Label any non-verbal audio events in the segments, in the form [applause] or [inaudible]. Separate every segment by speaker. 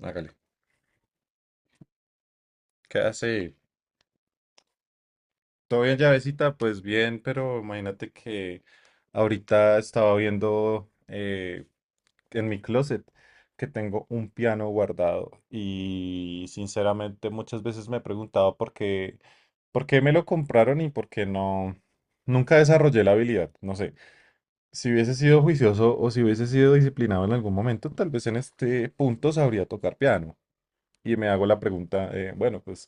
Speaker 1: Hágale. ¿Qué hace? ¿Todo bien, llavecita? Pues bien, pero imagínate que ahorita estaba viendo en mi closet que tengo un piano guardado y sinceramente muchas veces me he preguntado por qué me lo compraron y por qué no. Nunca desarrollé la habilidad, no sé. Si hubiese sido juicioso o si hubiese sido disciplinado en algún momento, tal vez en este punto sabría tocar piano. Y me hago la pregunta, bueno, pues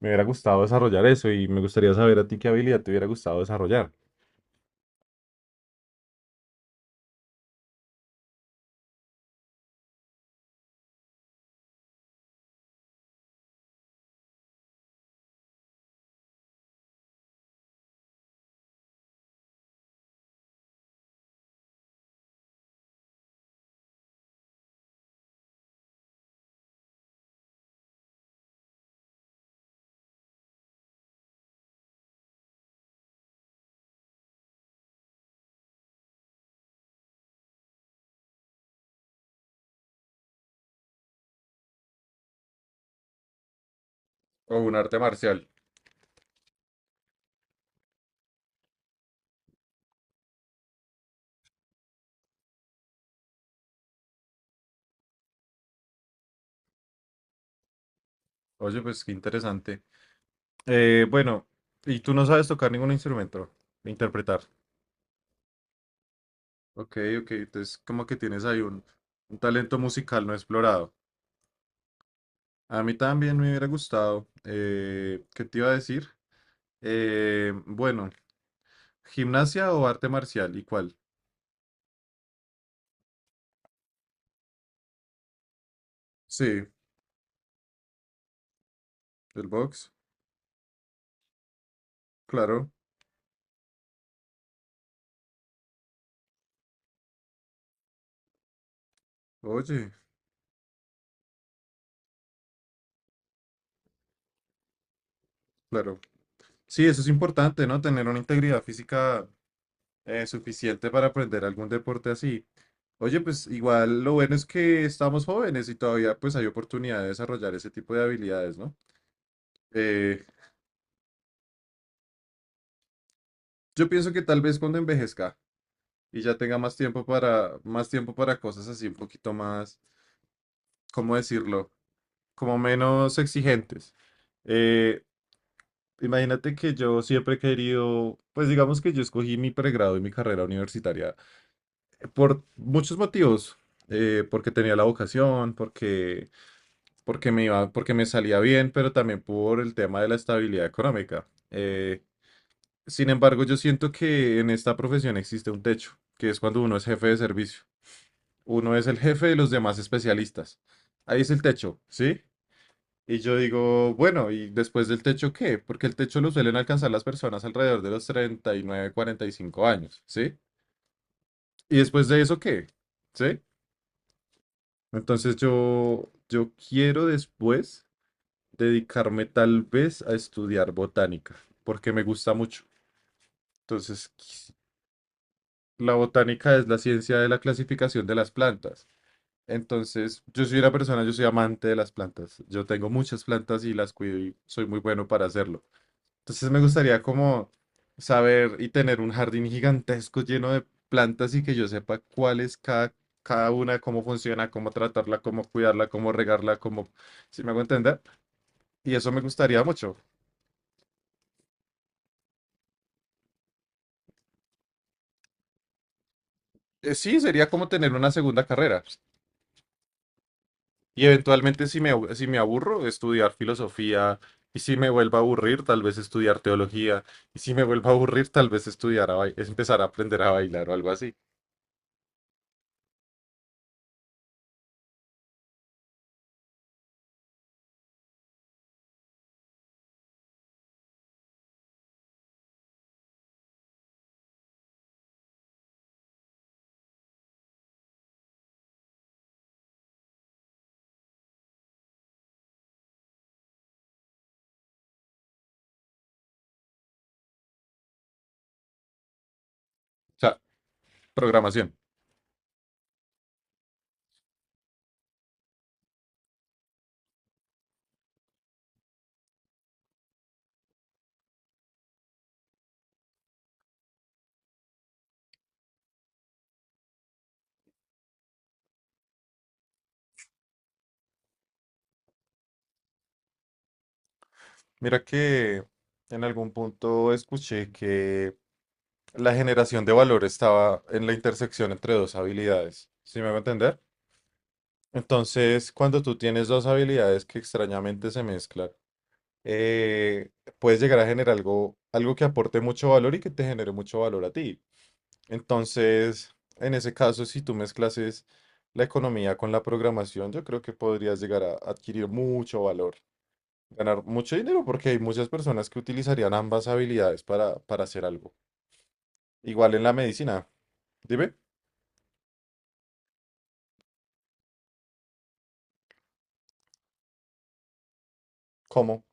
Speaker 1: me hubiera gustado desarrollar eso y me gustaría saber a ti qué habilidad te hubiera gustado desarrollar. O un arte marcial. Oye, pues qué interesante. Bueno, y tú no sabes tocar ningún instrumento, interpretar. Ok, ok, entonces como que tienes ahí un talento musical no explorado. A mí también me hubiera gustado. ¿Qué te iba a decir? Bueno, ¿gimnasia o arte marcial? ¿Y cuál? Sí, el box, claro. Oye, claro. Sí, eso es importante, ¿no? Tener una integridad física suficiente para aprender algún deporte así. Oye, pues igual lo bueno es que estamos jóvenes y todavía pues hay oportunidad de desarrollar ese tipo de habilidades, ¿no? Eh, yo pienso que tal vez cuando envejezca y ya tenga más tiempo para cosas así un poquito más ¿cómo decirlo? Como menos exigentes. Eh, imagínate que yo siempre he querido, pues digamos que yo escogí mi pregrado y mi carrera universitaria por muchos motivos. Porque tenía la vocación, porque, porque me iba, porque me salía bien, pero también por el tema de la estabilidad económica. Sin embargo, yo siento que en esta profesión existe un techo, que es cuando uno es jefe de servicio. Uno es el jefe de los demás especialistas. Ahí es el techo, ¿sí? Y yo digo, bueno, ¿y después del techo qué? Porque el techo lo suelen alcanzar las personas alrededor de los 39, 45 años, ¿sí? ¿Y después de eso qué? ¿Sí? Entonces yo quiero después dedicarme tal vez a estudiar botánica, porque me gusta mucho. Entonces, la botánica es la ciencia de la clasificación de las plantas. Entonces, yo soy una persona, yo soy amante de las plantas. Yo tengo muchas plantas y las cuido y soy muy bueno para hacerlo. Entonces me gustaría como saber y tener un jardín gigantesco lleno de plantas y que yo sepa cuál es cada, cada una, cómo funciona, cómo tratarla, cómo cuidarla, cómo regarla, cómo, si me hago entender. Y eso me gustaría mucho. Sí, sería como tener una segunda carrera. Y eventualmente si me, si me aburro, estudiar filosofía. Y si me vuelvo a aburrir, tal vez estudiar teología. Y si me vuelvo a aburrir, tal vez estudiar a es empezar a aprender a bailar o algo así. O sea, programación. Mira que en algún punto escuché que la generación de valor estaba en la intersección entre dos habilidades. ¿Sí me va a entender? Entonces, cuando tú tienes dos habilidades que extrañamente se mezclan, eh, puedes llegar a generar algo, algo que aporte mucho valor y que te genere mucho valor a ti. Entonces, en ese caso, si tú mezclas es la economía con la programación, yo creo que podrías llegar a adquirir mucho valor. Ganar mucho dinero porque hay muchas personas que utilizarían ambas habilidades para hacer algo. Igual en la medicina. Dime, ¿cómo?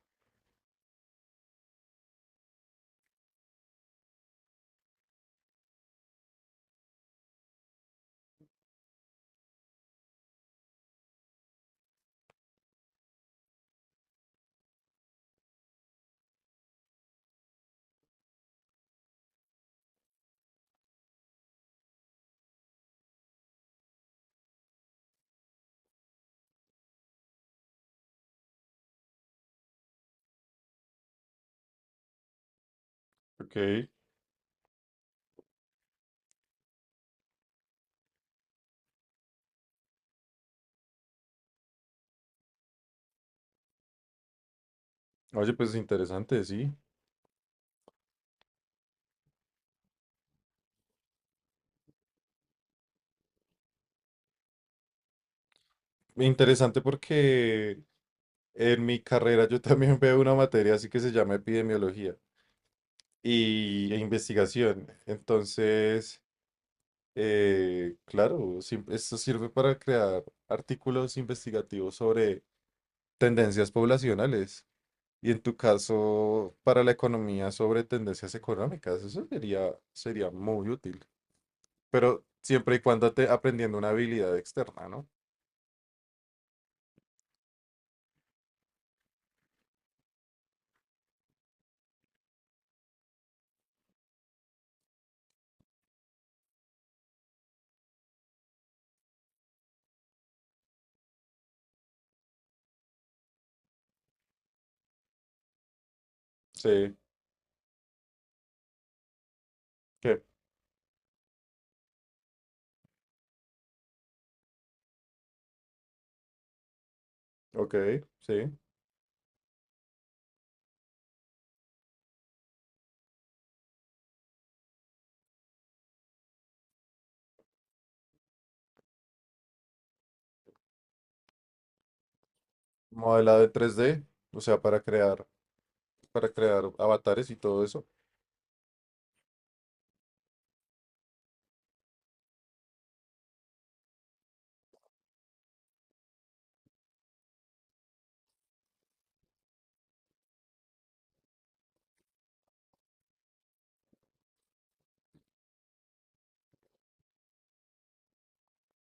Speaker 1: Ok. Oye, pues interesante, sí. Interesante porque en mi carrera yo [laughs] también veo una materia así que se llama epidemiología y e investigación. Entonces, claro, esto sirve para crear artículos investigativos sobre tendencias poblacionales. Y en tu caso, para la economía sobre tendencias económicas, eso sería, sería muy útil. Pero siempre y cuando te aprendiendo una habilidad externa, ¿no? Sí, que, ok, sí. Modelado de 3D, o sea, para crear avatares y todo eso.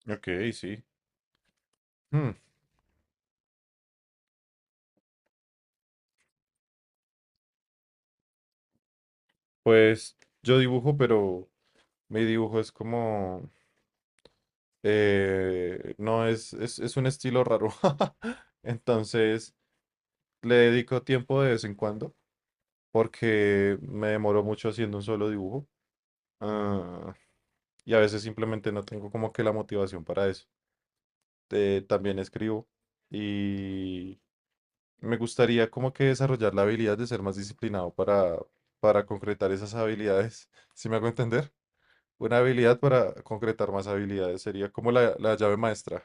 Speaker 1: Ok, sí. Hmm, pues yo dibujo, pero mi dibujo es como, no es, es un estilo raro. [laughs] Entonces, le dedico tiempo de vez en cuando porque me demoro mucho haciendo un solo dibujo. ah, y a veces simplemente no tengo como que la motivación para eso. También escribo y me gustaría como que desarrollar la habilidad de ser más disciplinado para concretar esas habilidades. [laughs] ¿Sí me hago entender? Una habilidad para concretar más habilidades sería como la llave maestra.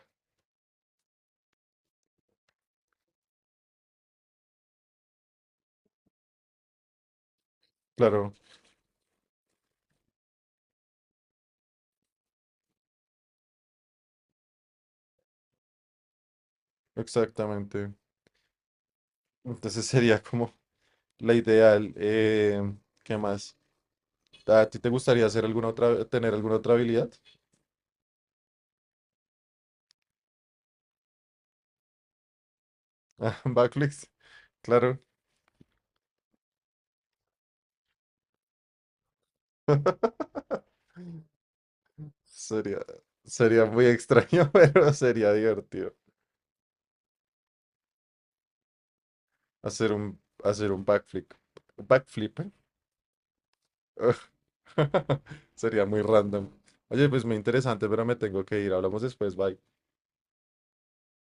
Speaker 1: Claro, exactamente. Entonces [laughs] sería como la ideal. ¿Qué más? ¿A ti te gustaría hacer alguna otra, tener alguna otra habilidad? [laughs] Ah, backflips, claro. [laughs] Sería, sería muy extraño, [laughs] pero sería divertido hacer un backflip. Backflip, ¿eh? [laughs] Sería muy random. Oye, pues muy interesante, pero me tengo que ir. Hablamos después, bye.